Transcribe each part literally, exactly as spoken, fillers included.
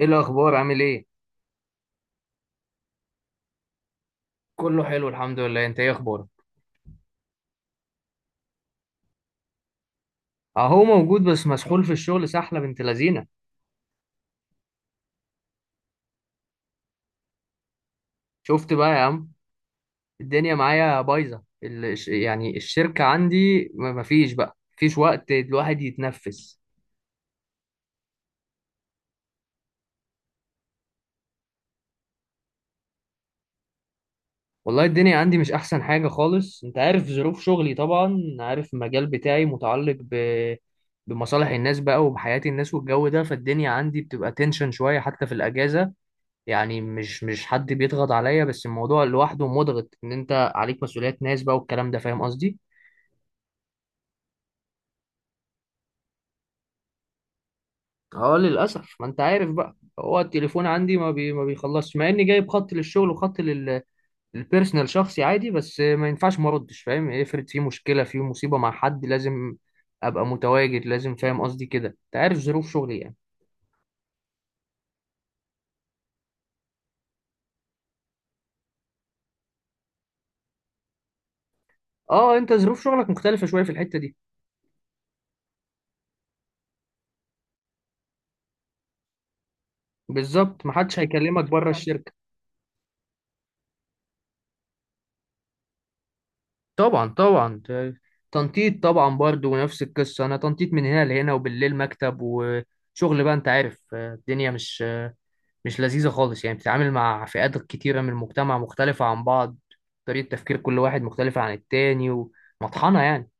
ايه الاخبار؟ عامل ايه؟ كله حلو الحمد لله. انت ايه اخبارك؟ اهو موجود بس مسحول في الشغل، سحله بنت لذينه. شفت بقى يا عم؟ الدنيا معايا بايظه، ال- الش- يعني الشركه عندي ما ما فيش بقى، مفيش وقت الواحد يتنفس. والله الدنيا عندي مش احسن حاجه خالص، انت عارف ظروف شغلي، طبعا عارف المجال بتاعي متعلق ب... بمصالح الناس بقى وبحياه الناس والجو ده، فالدنيا عندي بتبقى تنشن شويه حتى في الاجازه. يعني مش مش حد بيضغط عليا، بس الموضوع لوحده مضغط ان انت عليك مسؤوليات ناس بقى والكلام ده، فاهم قصدي؟ اه للاسف، ما انت عارف بقى، هو التليفون عندي ما بي ما بيخلصش، مع اني جايب خط للشغل وخط لل للبيرسونال شخصي عادي، بس ما ينفعش ما اردش، فاهم؟ افرض في مشكله، في مصيبه مع حد، لازم ابقى متواجد، لازم، فاهم قصدي كده، انت عارف ظروف شغلي يعني. اه انت ظروف شغلك مختلفه شويه في الحته دي. بالظبط، ما حدش هيكلمك بره الشركه. طبعا طبعا، ت- تنطيط طبعا برضو، نفس القصة. أنا تنطيط من هنا لهنا، وبالليل مكتب وشغل بقى، أنت عارف. آه، الدنيا مش آه، مش لذيذة خالص، يعني بتتعامل مع فئات كتيرة من المجتمع مختلفة عن بعض، طريقة تفكير كل واحد مختلفة عن التاني، ومطحنة يعني.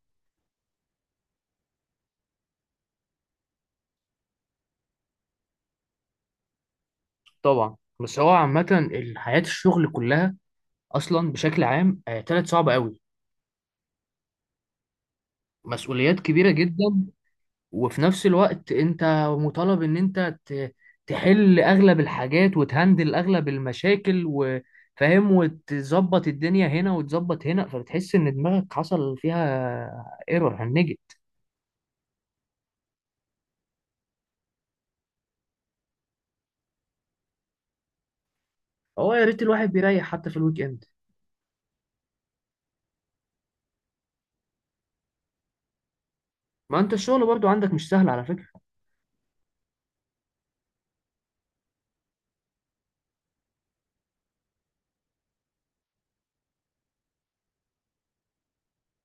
طبعا. بس هو عامة حياة الشغل كلها أصلا بشكل عام آه، طلعت صعبة أوي. مسؤوليات كبيرة جدا. وفي نفس الوقت انت مطالب ان انت ت- تحل اغلب الحاجات، وتهندل اغلب المشاكل، وفاهم، وتظبط الدنيا هنا وتظبط هنا، فبتحس ان دماغك حصل فيها ايرور، هنجت. هو يا ريت الواحد بيريح حتى في الويك اند. ما انت الشغل برضو عندك مش سهل على فكرة.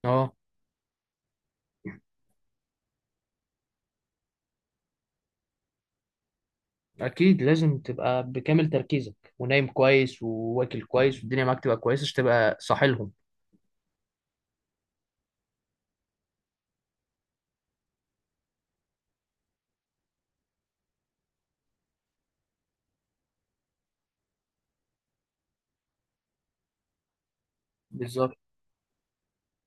اه اكيد، لازم تبقى بكامل تركيزك، ونايم كويس، وواكل كويس، والدنيا معاك تبقى كويسة، عشان تبقى صاحي لهم. بالظبط.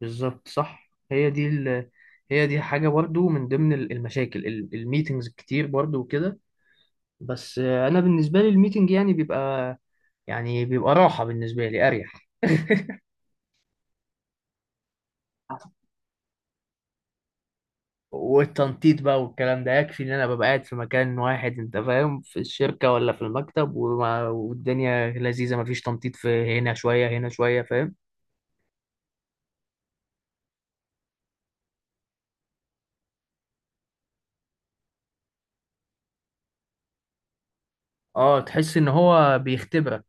بالظبط صح، هي دي ال... هي دي حاجة برضو من ضمن ال- المشاكل، ال- الميتينجز الكتير برضو وكده. بس آه، أنا بالنسبة لي الميتينج يعني بيبقى، يعني بيبقى راحة بالنسبة لي، أريح. والتنطيط بقى والكلام ده، يكفي إن أنا ببقى قاعد في مكان واحد، أنت فاهم، في الشركة ولا في المكتب، وما... والدنيا لذيذة، مفيش تنطيط في هنا شوية هنا شوية، فاهم؟ اه تحس إن هو بيختبرك.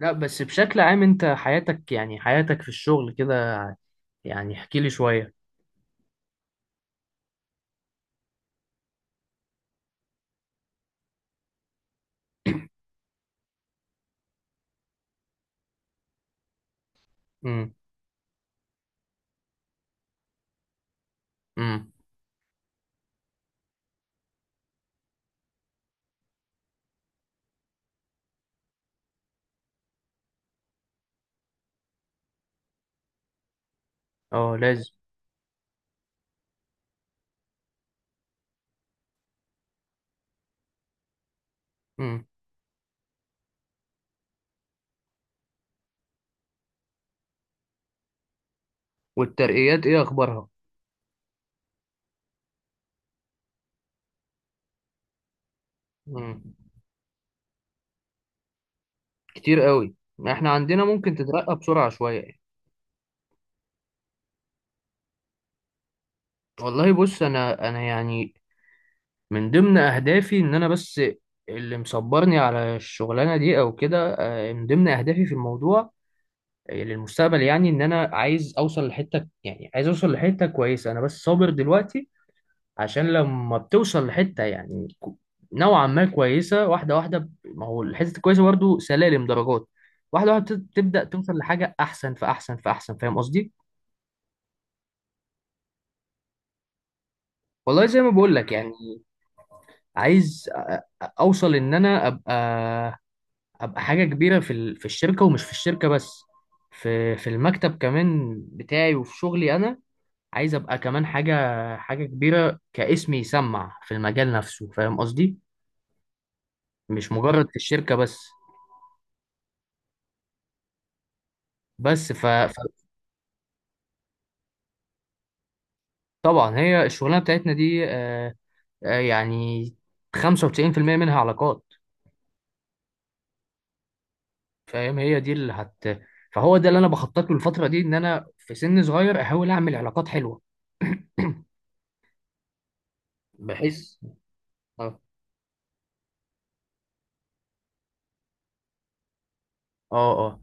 لا بس بشكل عام، أنت حياتك، يعني حياتك في الشغل كده يعني، احكي لي شوية. امم. اه لازم. امم. والترقيات ايه اخبارها؟ امم. كتير قوي، ما احنا عندنا ممكن تترقى بسرعة شوية يعني. والله بص، انا انا يعني من ضمن اهدافي ان انا بس، اللي مصبرني على الشغلانة دي او كده، آه، من ضمن اهدافي في الموضوع، آه، للمستقبل يعني، ان انا عايز اوصل لحتة يعني عايز اوصل لحتة كويسة. انا بس صابر دلوقتي، عشان لما بتوصل لحتة يعني، كو- نوعا ما كويسة، واحدة واحدة، ب- ما هو الحتة الكويسة برضو سلالم درجات، واحدة واحدة بت- تبدأ توصل لحاجة أحسن فأحسن فأحسن، فاهم قصدي؟ والله زي ما بقول لك يعني، عايز أ- أ- أوصل إن أنا أبقى أبقى حاجة كبيرة في ال- في الشركة، ومش في الشركة بس، في في المكتب كمان بتاعي وفي شغلي أنا. عايز أبقى كمان حاجة حاجة كبيرة، كاسم يسمع في المجال نفسه، فاهم قصدي؟ مش مجرد في الشركة بس. بس ف... فطبعا هي الشغلانه بتاعتنا دي، آه، آه، يعني خمسة وتسعين في المية منها علاقات، فاهم، هي دي اللي هت، فهو ده اللي انا بخطط له الفتره دي، ان انا في سن صغير احاول اعمل علاقات حلوه بحيث. اه اه اه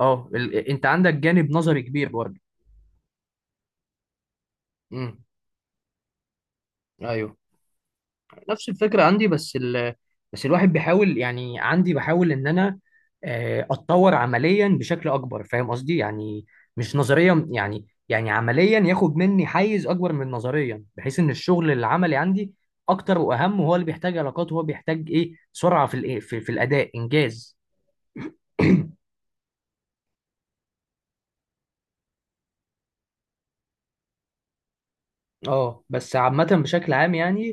اه، ال... انت عندك جانب نظري كبير برضه. امم. ايوه، نفس الفكرة عندي بس ال... بس الواحد بيحاول يعني، عندي بحاول ان انا آه، اتطور عمليا بشكل اكبر، فاهم قصدي يعني، مش نظريا يعني يعني عمليا ياخد مني حيز اكبر من نظريا، بحيث ان الشغل العملي عندي اكتر واهم، وهو اللي بيحتاج علاقات، وهو بيحتاج ايه سرعة في الإيه- في, في الاداء، انجاز. اه بس عامة بشكل عام يعني،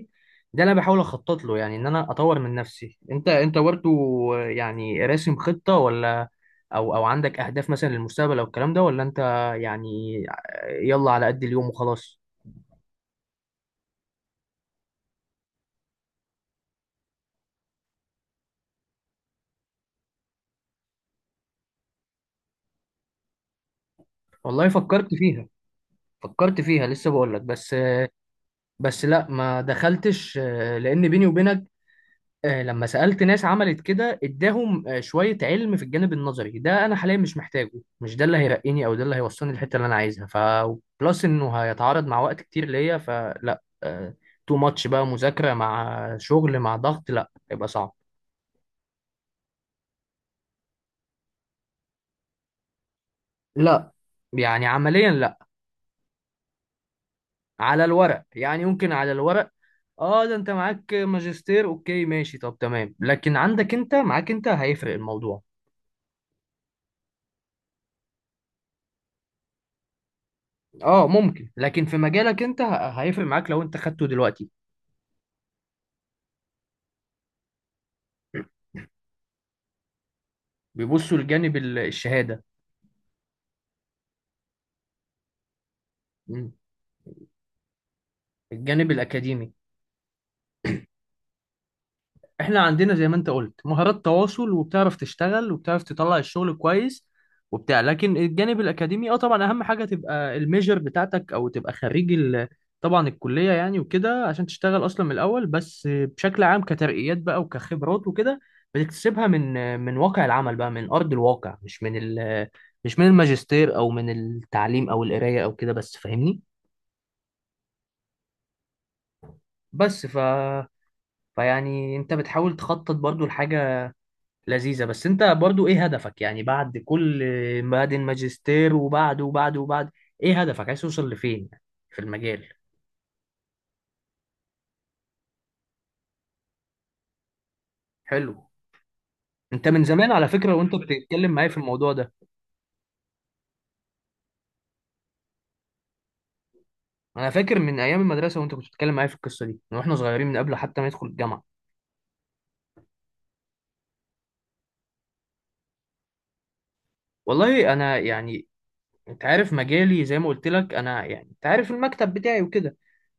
ده اللي انا بحاول اخطط له يعني، ان انا اطور من نفسي. انت انت برضه يعني راسم خطة، ولا او او عندك اهداف مثلا للمستقبل او الكلام ده، ولا انت يعني يلا على قد اليوم وخلاص؟ والله فكرت فيها. فكرت فيها لسه بقول لك بس، بس لا ما دخلتش، لان بيني وبينك، آه، لما سألت ناس عملت كده اداهم آه، شوية علم في الجانب النظري ده، انا حاليا مش محتاجه. مش ده اللي هيرقيني، او ده اللي هيوصلني الحتة اللي انا عايزها، ف بلس انه هيتعارض مع وقت كتير ليا، فلا، تو ماتش بقى، مذاكرة مع شغل مع ضغط، لا هيبقى صعب. لا. يعني عمليا لا. على الورق يعني ممكن، على الورق اه، ده انت معاك ماجستير، اوكي ماشي، طب تمام، لكن عندك، انت معاك انت، هيفرق الموضوع. اه ممكن، لكن في مجالك انت ه- هيفرق معاك لو انت خدته دلوقتي. بيبصوا لجانب ال- الشهادة. مم. الجانب الأكاديمي. احنا عندنا زي ما انت قلت مهارات تواصل، وبتعرف تشتغل، وبتعرف تطلع الشغل كويس وبتاع، لكن الجانب الأكاديمي اه طبعا أهم حاجة تبقى الميجر بتاعتك، أو تبقى خريج ال... طبعا الكلية يعني وكده، عشان تشتغل أصلا من الأول. بس بشكل عام كترقيات بقى وكخبرات وكده، بتكتسبها من من واقع العمل بقى، من أرض الواقع، مش من ال... مش من الماجستير، أو من التعليم، أو القراية أو كده بس، فاهمني؟ بس ف فيعني انت بتحاول تخطط برضو لحاجة لذيذة، بس انت برضو ايه هدفك يعني، بعد كل، بعد الماجستير وبعده وبعده وبعد، ايه هدفك؟ عايز توصل لفين يعني، في المجال؟ حلو. انت من زمان على فكرة وانت بتتكلم معايا في الموضوع ده. انا فاكر من ايام المدرسة وانت كنت بتتكلم معايا في القصة دي، من واحنا صغيرين، من قبل حتى ما ندخل الجامعة. والله انا يعني، انت عارف مجالي زي ما قلت لك، انا يعني انت عارف المكتب بتاعي وكده،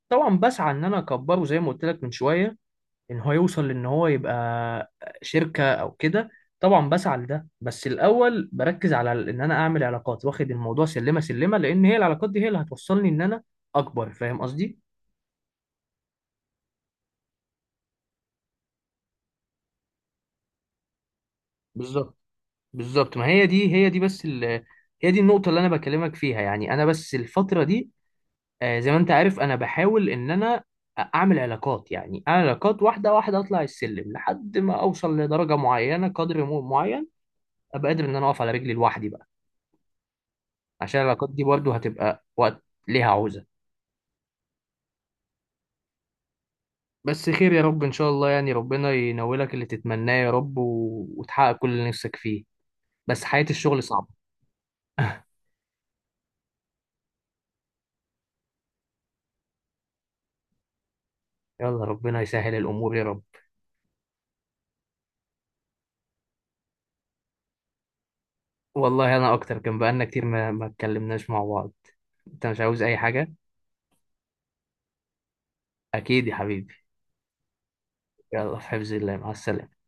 طبعا بسعى ان انا اكبره زي ما قلت لك من شوية، ان هو يوصل لان هو يبقى شركة او كده. طبعا بسعى لده، بس الاول بركز على ال- ان انا اعمل علاقات، واخد الموضوع سلمة سلمة، لان هي العلاقات دي هي اللي هتوصلني ان انا اكبر، فاهم قصدي؟ بالظبط. بالظبط ما هي دي هي دي بس ال... هي دي النقطة اللي انا بكلمك فيها يعني. انا بس الفترة دي، آه، زي ما انت عارف، انا بحاول ان انا اعمل علاقات يعني اعمل علاقات واحدة واحدة، اطلع السلم لحد ما اوصل لدرجة معينة، قدر م- معين، ابقى قادر ان انا اقف على رجلي لوحدي بقى. عشان العلاقات دي برضه هتبقى وقت ليها عوزة. بس خير يا رب، إن شاء الله يعني، ربنا ينولك اللي تتمناه يا رب، و... وتحقق كل اللي نفسك فيه. بس حياة الشغل صعبة. يلا ربنا يسهل الأمور يا رب. والله أنا أكتر، كان بقالنا كتير ما ما اتكلمناش مع بعض. أنت مش عاوز أي حاجة؟ أكيد يا حبيبي. يلا في حفظ الله، مع السلامة.